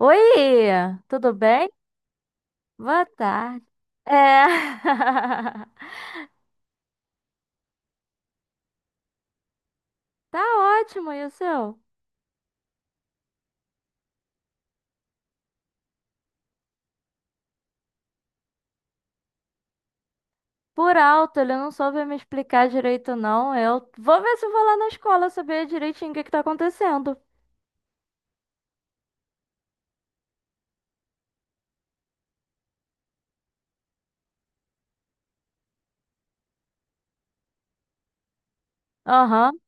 Oi, tudo bem? Boa tarde. É. Tá ótimo, e o seu? Por alto, ele não soube me explicar direito, não. Eu vou ver se eu vou lá na escola saber direitinho o que que tá acontecendo. Aham.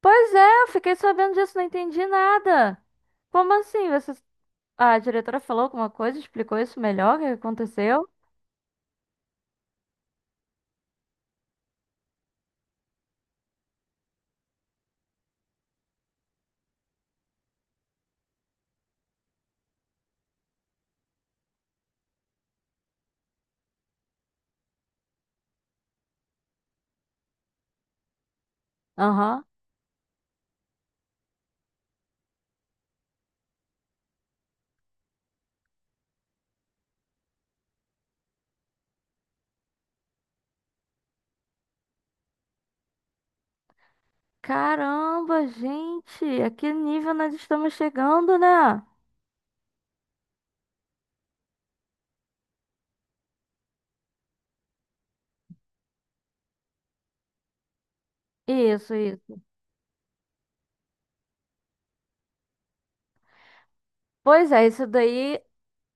Pois é, eu fiquei sabendo disso, não entendi nada. Como assim? Você... A diretora falou alguma coisa, explicou isso melhor, o que que aconteceu? Aham. Caramba, gente, a que nível nós estamos chegando, né? Isso, isso. Pois é, isso daí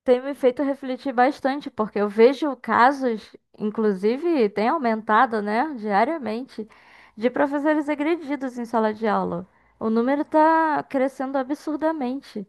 tem me feito refletir bastante, porque eu vejo casos, inclusive tem aumentado, né, diariamente, de professores agredidos em sala de aula. O número está crescendo absurdamente.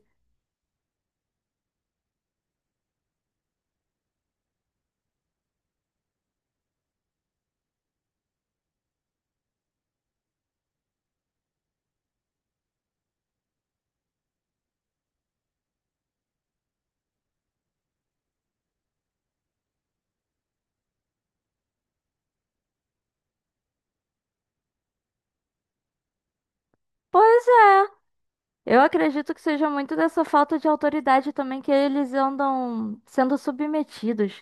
Pois é, eu acredito que seja muito dessa falta de autoridade também que eles andam sendo submetidos,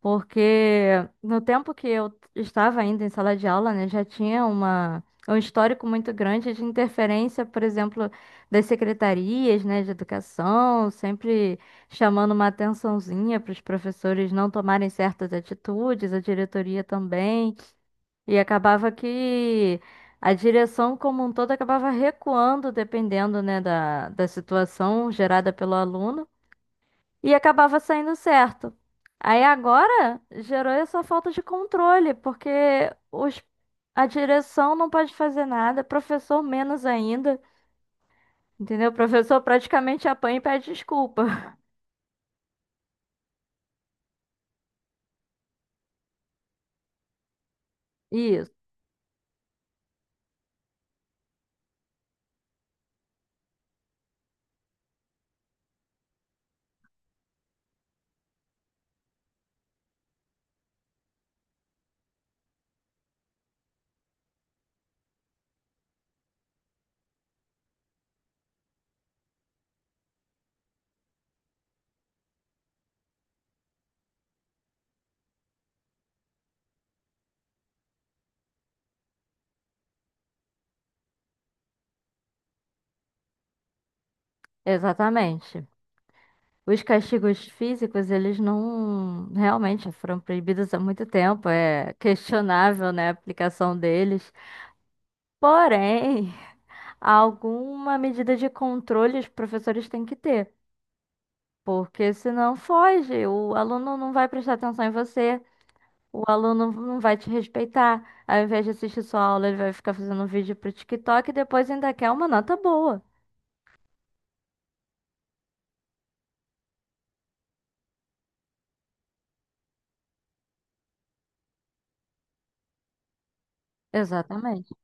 porque no tempo que eu estava ainda em sala de aula, né, já tinha um histórico muito grande de interferência, por exemplo, das secretarias, né, de educação, sempre chamando uma atençãozinha para os professores não tomarem certas atitudes, a diretoria também. E acabava que a direção como um todo acabava recuando, dependendo, né, da situação gerada pelo aluno e acabava saindo certo. Aí agora gerou essa falta de controle, porque os, a direção não pode fazer nada, professor menos ainda, entendeu? O professor praticamente apanha e pede desculpa. Isso, exatamente. Os castigos físicos, eles não realmente foram proibidos há muito tempo, é questionável, né, a aplicação deles. Porém, alguma medida de controle os professores têm que ter. Porque senão foge, o aluno não vai prestar atenção em você, o aluno não vai te respeitar. Ao invés de assistir sua aula, ele vai ficar fazendo um vídeo pro TikTok e depois ainda quer uma nota boa. Exatamente.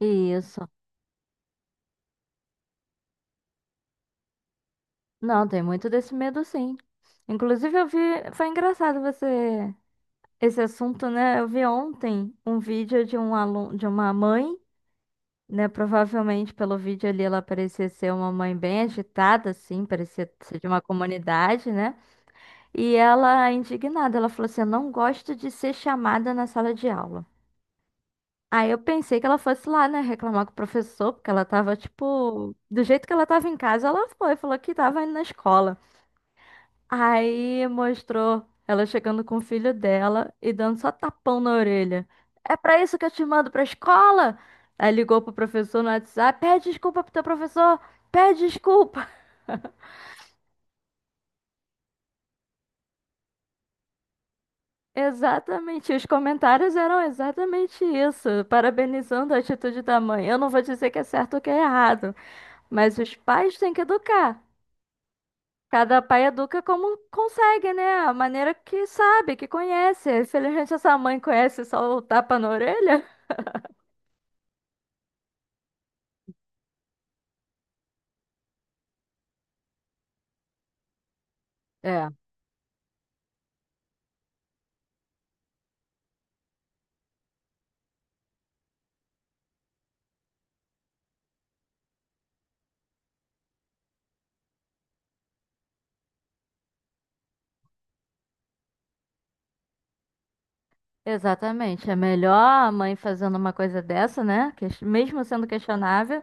Isso. Não, tem muito desse medo, sim. Inclusive, eu vi. Foi engraçado você. Esse assunto, né? Eu vi ontem um vídeo de um aluno, de uma mãe, né? Provavelmente pelo vídeo ali ela parecia ser uma mãe bem agitada, assim, parecia ser de uma comunidade, né? E ela, indignada, ela falou assim: "Eu não gosto de ser chamada na sala de aula." Aí eu pensei que ela fosse lá, né, reclamar com o professor, porque ela tava, tipo, do jeito que ela tava em casa, ela foi, falou que tava indo na escola. Aí mostrou ela chegando com o filho dela e dando só tapão na orelha. "É pra isso que eu te mando pra escola?" Aí ligou pro professor no WhatsApp: "Pede desculpa pro teu professor, pede desculpa." Exatamente, os comentários eram exatamente isso, parabenizando a atitude da mãe. Eu não vou dizer que é certo ou que é errado, mas os pais têm que educar. Cada pai educa como consegue, né? A maneira que sabe, que conhece. Infelizmente, essa mãe conhece só o tapa na orelha. É. Exatamente. É melhor a mãe fazendo uma coisa dessa, né? Mesmo sendo questionável,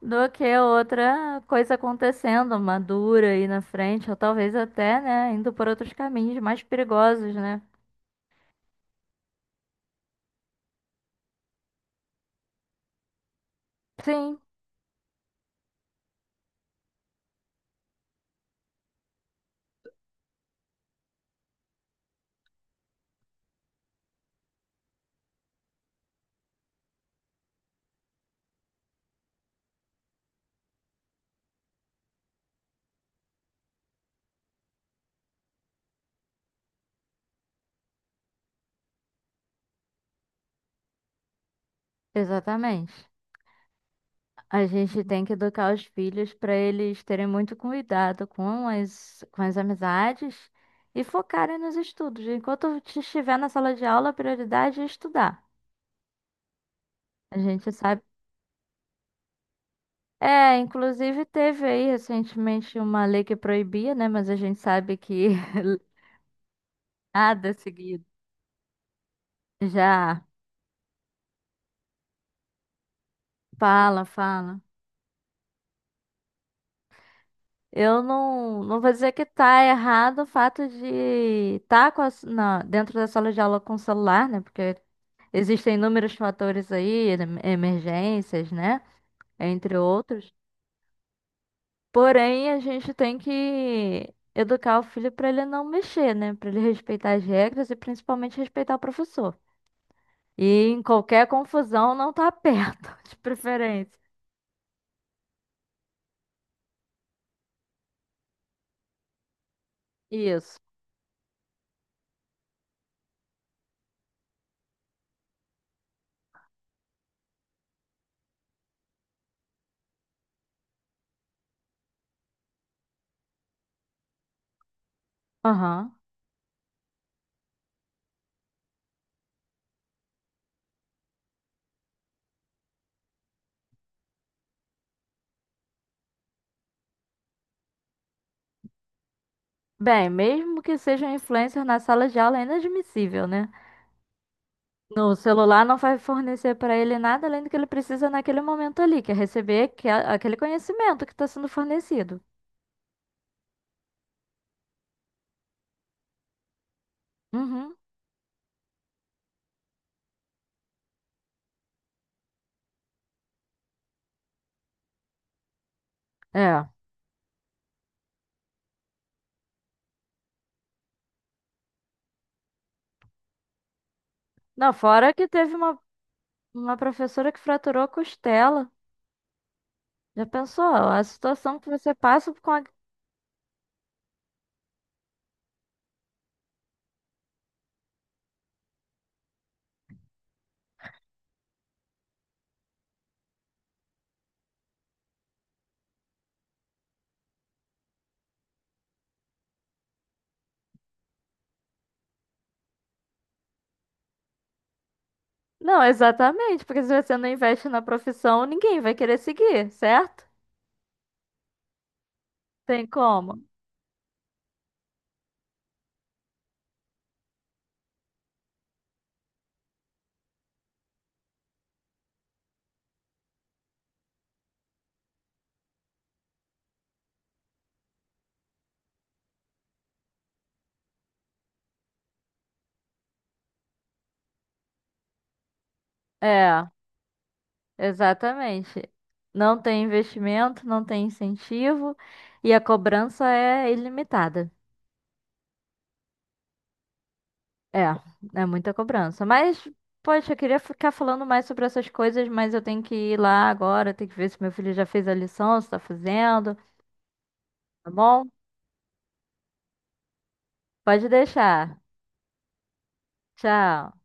do que outra coisa acontecendo, uma dura aí na frente, ou talvez até, né, indo por outros caminhos mais perigosos, né? Sim, exatamente. A gente tem que educar os filhos para eles terem muito cuidado com as amizades e focarem nos estudos. Enquanto estiver na sala de aula, a prioridade é estudar. A gente sabe. É, inclusive teve aí recentemente uma lei que proibia, né? Mas a gente sabe que nada é seguido. Já fala, fala. Eu não vou dizer que tá errado o fato de estar dentro da sala de aula com o celular, né? Porque existem inúmeros fatores aí, emergências, né? Entre outros. Porém, a gente tem que educar o filho para ele não mexer, né? Para ele respeitar as regras e principalmente respeitar o professor. E em qualquer confusão não tá perto, de preferência. Isso. Aham. Bem, mesmo que seja um influencer na sala de aula, é inadmissível, né? No celular não vai fornecer para ele nada além do que ele precisa naquele momento ali, que é receber aquele conhecimento que está sendo fornecido. Uhum. É. Não, fora que teve uma professora que fraturou a costela. Já pensou? A situação que você passa com a... Não, exatamente, porque se você não investe na profissão, ninguém vai querer seguir, certo? Tem como? É, exatamente. Não tem investimento, não tem incentivo e a cobrança é ilimitada. É, é muita cobrança. Mas, poxa, eu queria ficar falando mais sobre essas coisas, mas eu tenho que ir lá agora, tenho que ver se meu filho já fez a lição, se tá fazendo, tá bom? Pode deixar. Tchau.